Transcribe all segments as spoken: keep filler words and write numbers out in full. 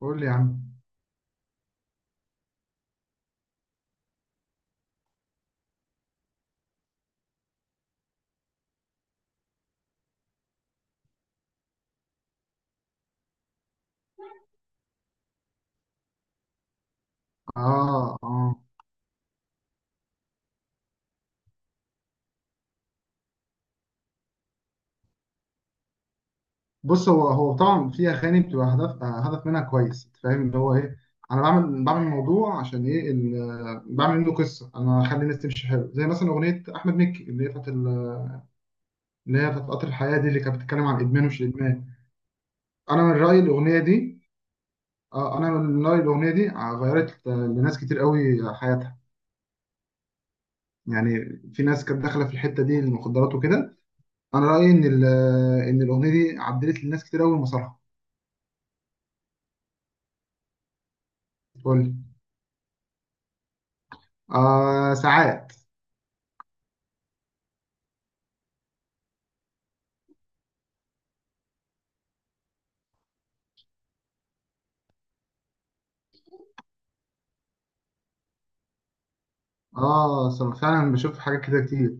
قول لي يا عم. اه، اه. بص، هو هو طبعا في اغاني بتبقى هدف، آه، هدف منها كويس. أنت فاهم اللي هو ايه؟ انا بعمل بعمل موضوع عشان ايه، ال- آه، بعمل منه قصه. انا اخلي الناس تمشي حلو، زي مثلا اغنيه احمد مكي اللي هي بتاعت ال- اللي هي بتاعت قطر الحياه دي، اللي كانت بتتكلم عن الادمان ومش الادمان. انا من رايي الاغنيه دي، اه، انا من رايي الاغنيه دي غيرت آه، لناس كتير قوي حياتها، يعني. في ناس كانت داخله في الحته دي، المخدرات وكده. انا رايي ان ال- آه، ان الاغنيه دي عدلت لناس كتير قوي مسارها. قول لي. آه، ساعات. اه، صم- فعلا بشوف حاجات كده كتير.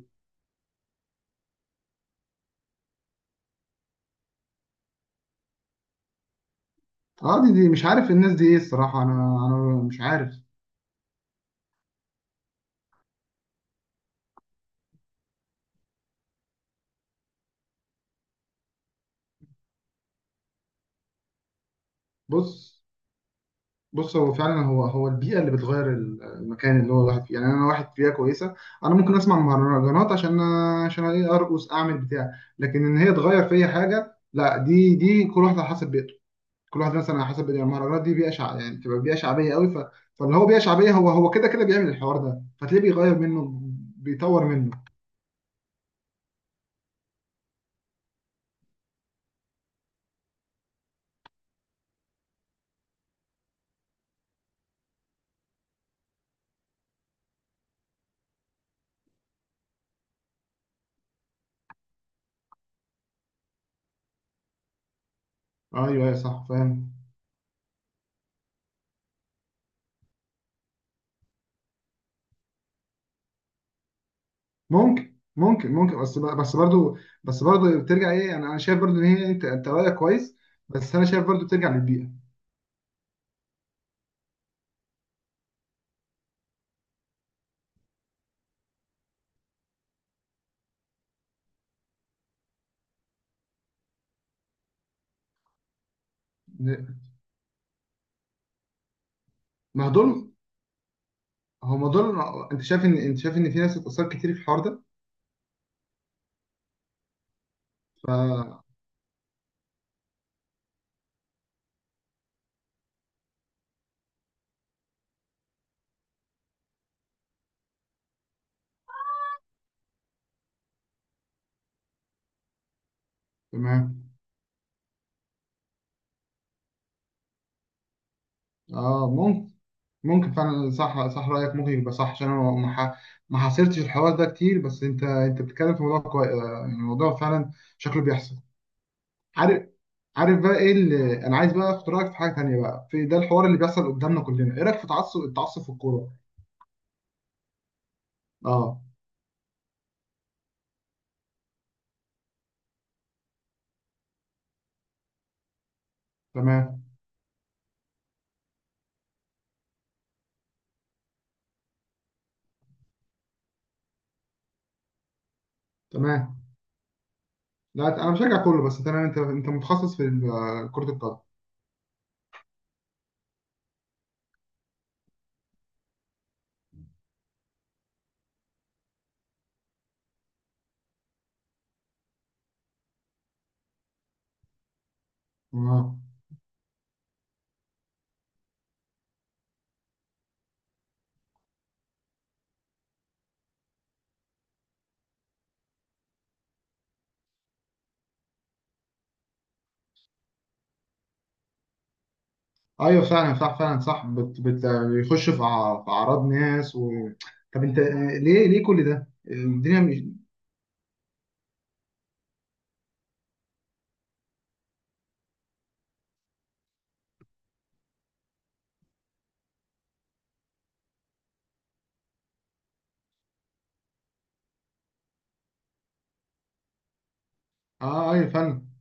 اه، دي دي مش عارف الناس دي ايه الصراحة، انا انا مش عارف. بص، بص، هو فعلا هو هو البيئة اللي بتغير ال- المكان اللي هو الواحد فيه. يعني انا واحد في بيئة كويسة، انا ممكن اسمع مهرجانات عشان عشان ايه؟ ارقص اعمل بتاع. لكن ان هي تغير فيا حاجة، لا، دي دي كل واحد على حسب بيئته. كل واحد مثلا على حسب بيئته. يعني المهرجانات دي بيئة شع... يعني بتبقى بيئة شعبية قوي. ف... فاللي هو بيئة شعبية هو هو كده كده بيعمل الحوار ده، فتلاقيه بيغير منه، بيطور منه. ايوه، ايوه، صح، فاهم. ممكن ممكن ممكن، بس بس برضو. بس برضو بترجع ايه، انا انا شايف برضو ان هي، انت انت رايك كويس، بس انا شايف برضو بترجع للبيئه. ما هو دول هو ما دول انت شايف ان انت شايف ان في ناس اتاثرت كتير في الحوار ده. ف تمام. اه، ممكن ممكن فعلا صح. صح، رايك ممكن يبقى صح، عشان انا ما ح- ما حاصرتش الحوار ده كتير. بس انت انت بتتكلم في موضوع كويس، يعني الموضوع فعلا شكله بيحصل. عارف؟ عارف بقى ايه اللي انا عايز بقى اخد رايك في حاجه تانية بقى؟ في ده الحوار اللي بيحصل قدامنا كلنا، ايه رايك في تعصب التعصب في الكوره؟ اه. تمام، تمام. لا، انا بشجع كله، بس تمام. انت انت متخصص في ال- كره القدم. اه، ايوه فعلا صح، فعلا صح. بت... بت... بيخش في أع- في اعراض ناس و... طب انت، آه، ليه؟ ليه كل ده؟ الدنيا مش. اه، ايوه فعلا.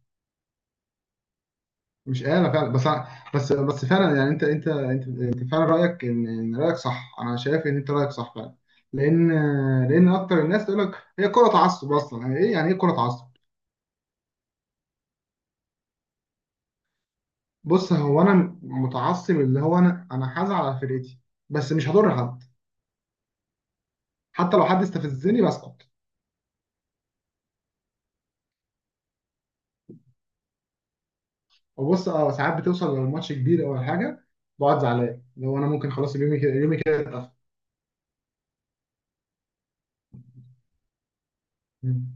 مش انا فعلا، بس أنا، بس بس فعلا. يعني انت انت انت, انت فعلا رايك، ان إن رايك صح، انا شايف ان انت رايك صح فعلا. لان لان اكتر الناس تقول لك هي كره تعصب اصلا. يعني ايه؟ يعني ايه كره تعصب؟ بص، هو انا متعصب اللي هو، انا انا هزعل على فرقتي، بس مش هضر حد. حتى لو حد استفزني بسكت. وبص، اه، ساعات بتوصل لو الماتش كبير او حاجه، بقعد زعلان. اللي هو انا ممكن خلاص اليوم كده، اليوم كده اتقفل. مم.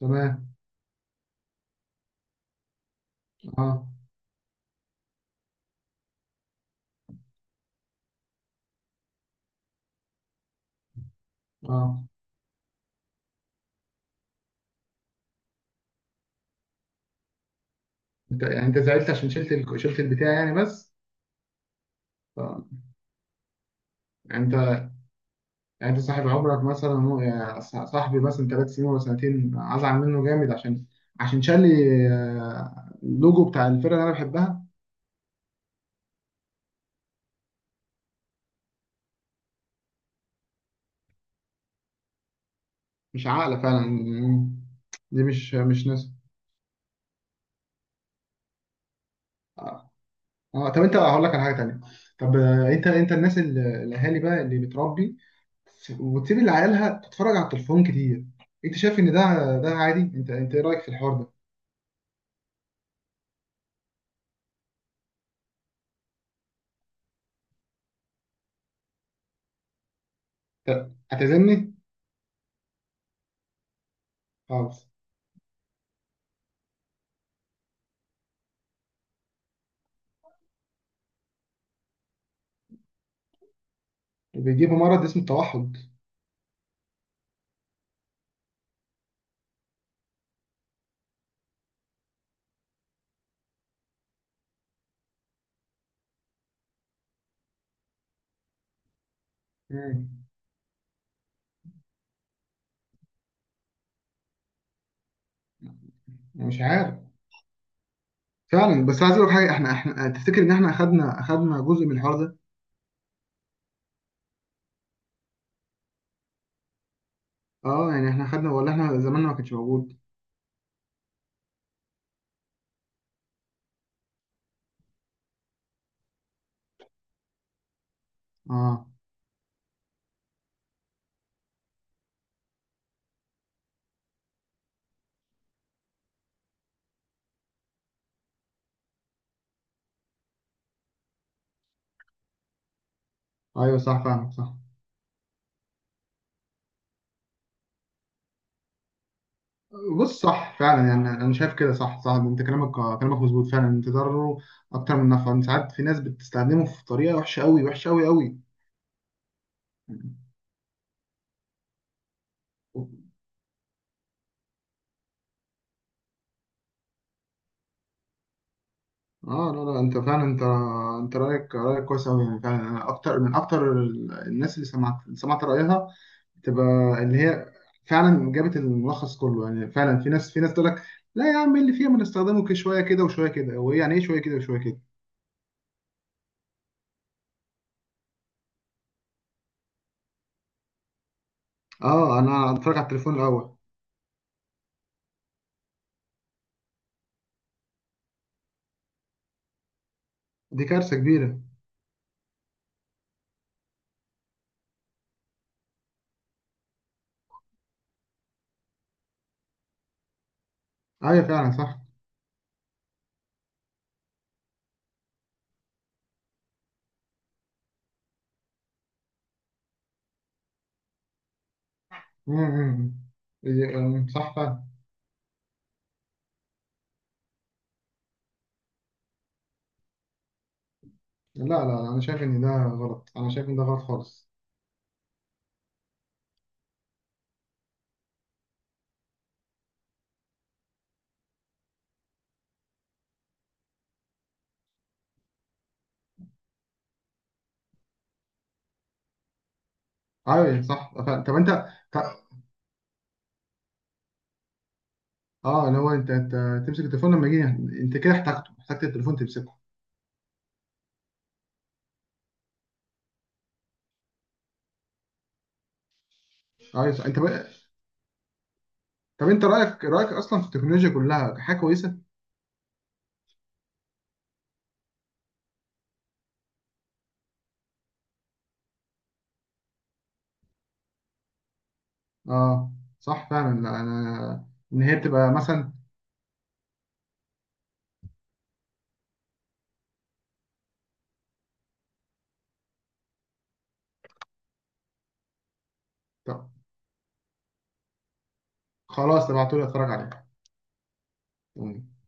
تمام. اه، اه. انت يعني انت زعلت عشان شلت ال- شلت البتاع يعني، بس. آه. انت، يعني انت صاحب عمرك مثلا، مو- يعني ص- صاحبي مثلا ثلاث سنين ولا سنتين، ازعل منه جامد عشان، عشان شال لي آه، اللوجو بتاع الفرقه اللي انا بحبها. مش عاقله فعلا. دي مش مش ناس. اه، آه، طب انت، هقول لك على حاجه تانيه. طب، آه، انت، انت الناس، ال- الاهالي بقى اللي بتربي وتسيب اللي عيالها تتفرج على التليفون كتير، انت شايف ان ده ده عادي؟ انت انت ايه رايك في الحوار ده؟ طب هتعزمني؟ خالص. بيجيبوا مرض اسمه التوحد. مم. مش عارف فعلا. بس عايز اقول لك حاجه، احنا احنا تفتكر ان احنا اخدنا اخدنا جزء من الحوار ده؟ اه، يعني احنا اخدنا ولا احنا زماننا ما كانش موجود؟ اه، ايوه صح فعلا، صح. بص، صح فعلا. يعني انا شايف كده، صح، صح. انت كلامك، كلامك مظبوط فعلا. انت ضرره اكتر من نفعه. ساعات في ناس بتستخدمه في طريقه وحشه قوي، وحشه قوي قوي. اه، لا، لا، انت فعلا. انت انت رايك رايك كويس قوي، يعني فعلا. انا اكتر من اكتر ال- الناس اللي سمعت سمعت رايها تبقى اللي هي فعلا جابت الملخص كله، يعني فعلا. في ناس في ناس تقول لك لا يا عم، إيه اللي فيها؟ ما نستخدمه كده شويه، كده وشويه كده. هو إيه يعني ايه شويه كده وشويه كده؟ اه، انا اتفرج على التليفون الاول. دي كارثه كبيره. ايوه فعلا، صح. مم، مم، مم. إيه، أم، صح فعلا. لا، لا، لا، انا شايف ان ده غلط، انا شايف ان ده غلط خالص. ايوه صح فعلا. طب انت، ط- اه، اللي هو انت انت تمسك التليفون لما يجي انت كده، احتاجته احتاجت التليفون تمسكه. ايوه صح. انت بقى، طب انت رايك رايك اصلا في التكنولوجيا، كلها حاجه كويسه؟ اه، صح فعلا. لا انا، ان هي بتبقى مثلا. طب، خلاص، ابعتولي اتفرج عليها.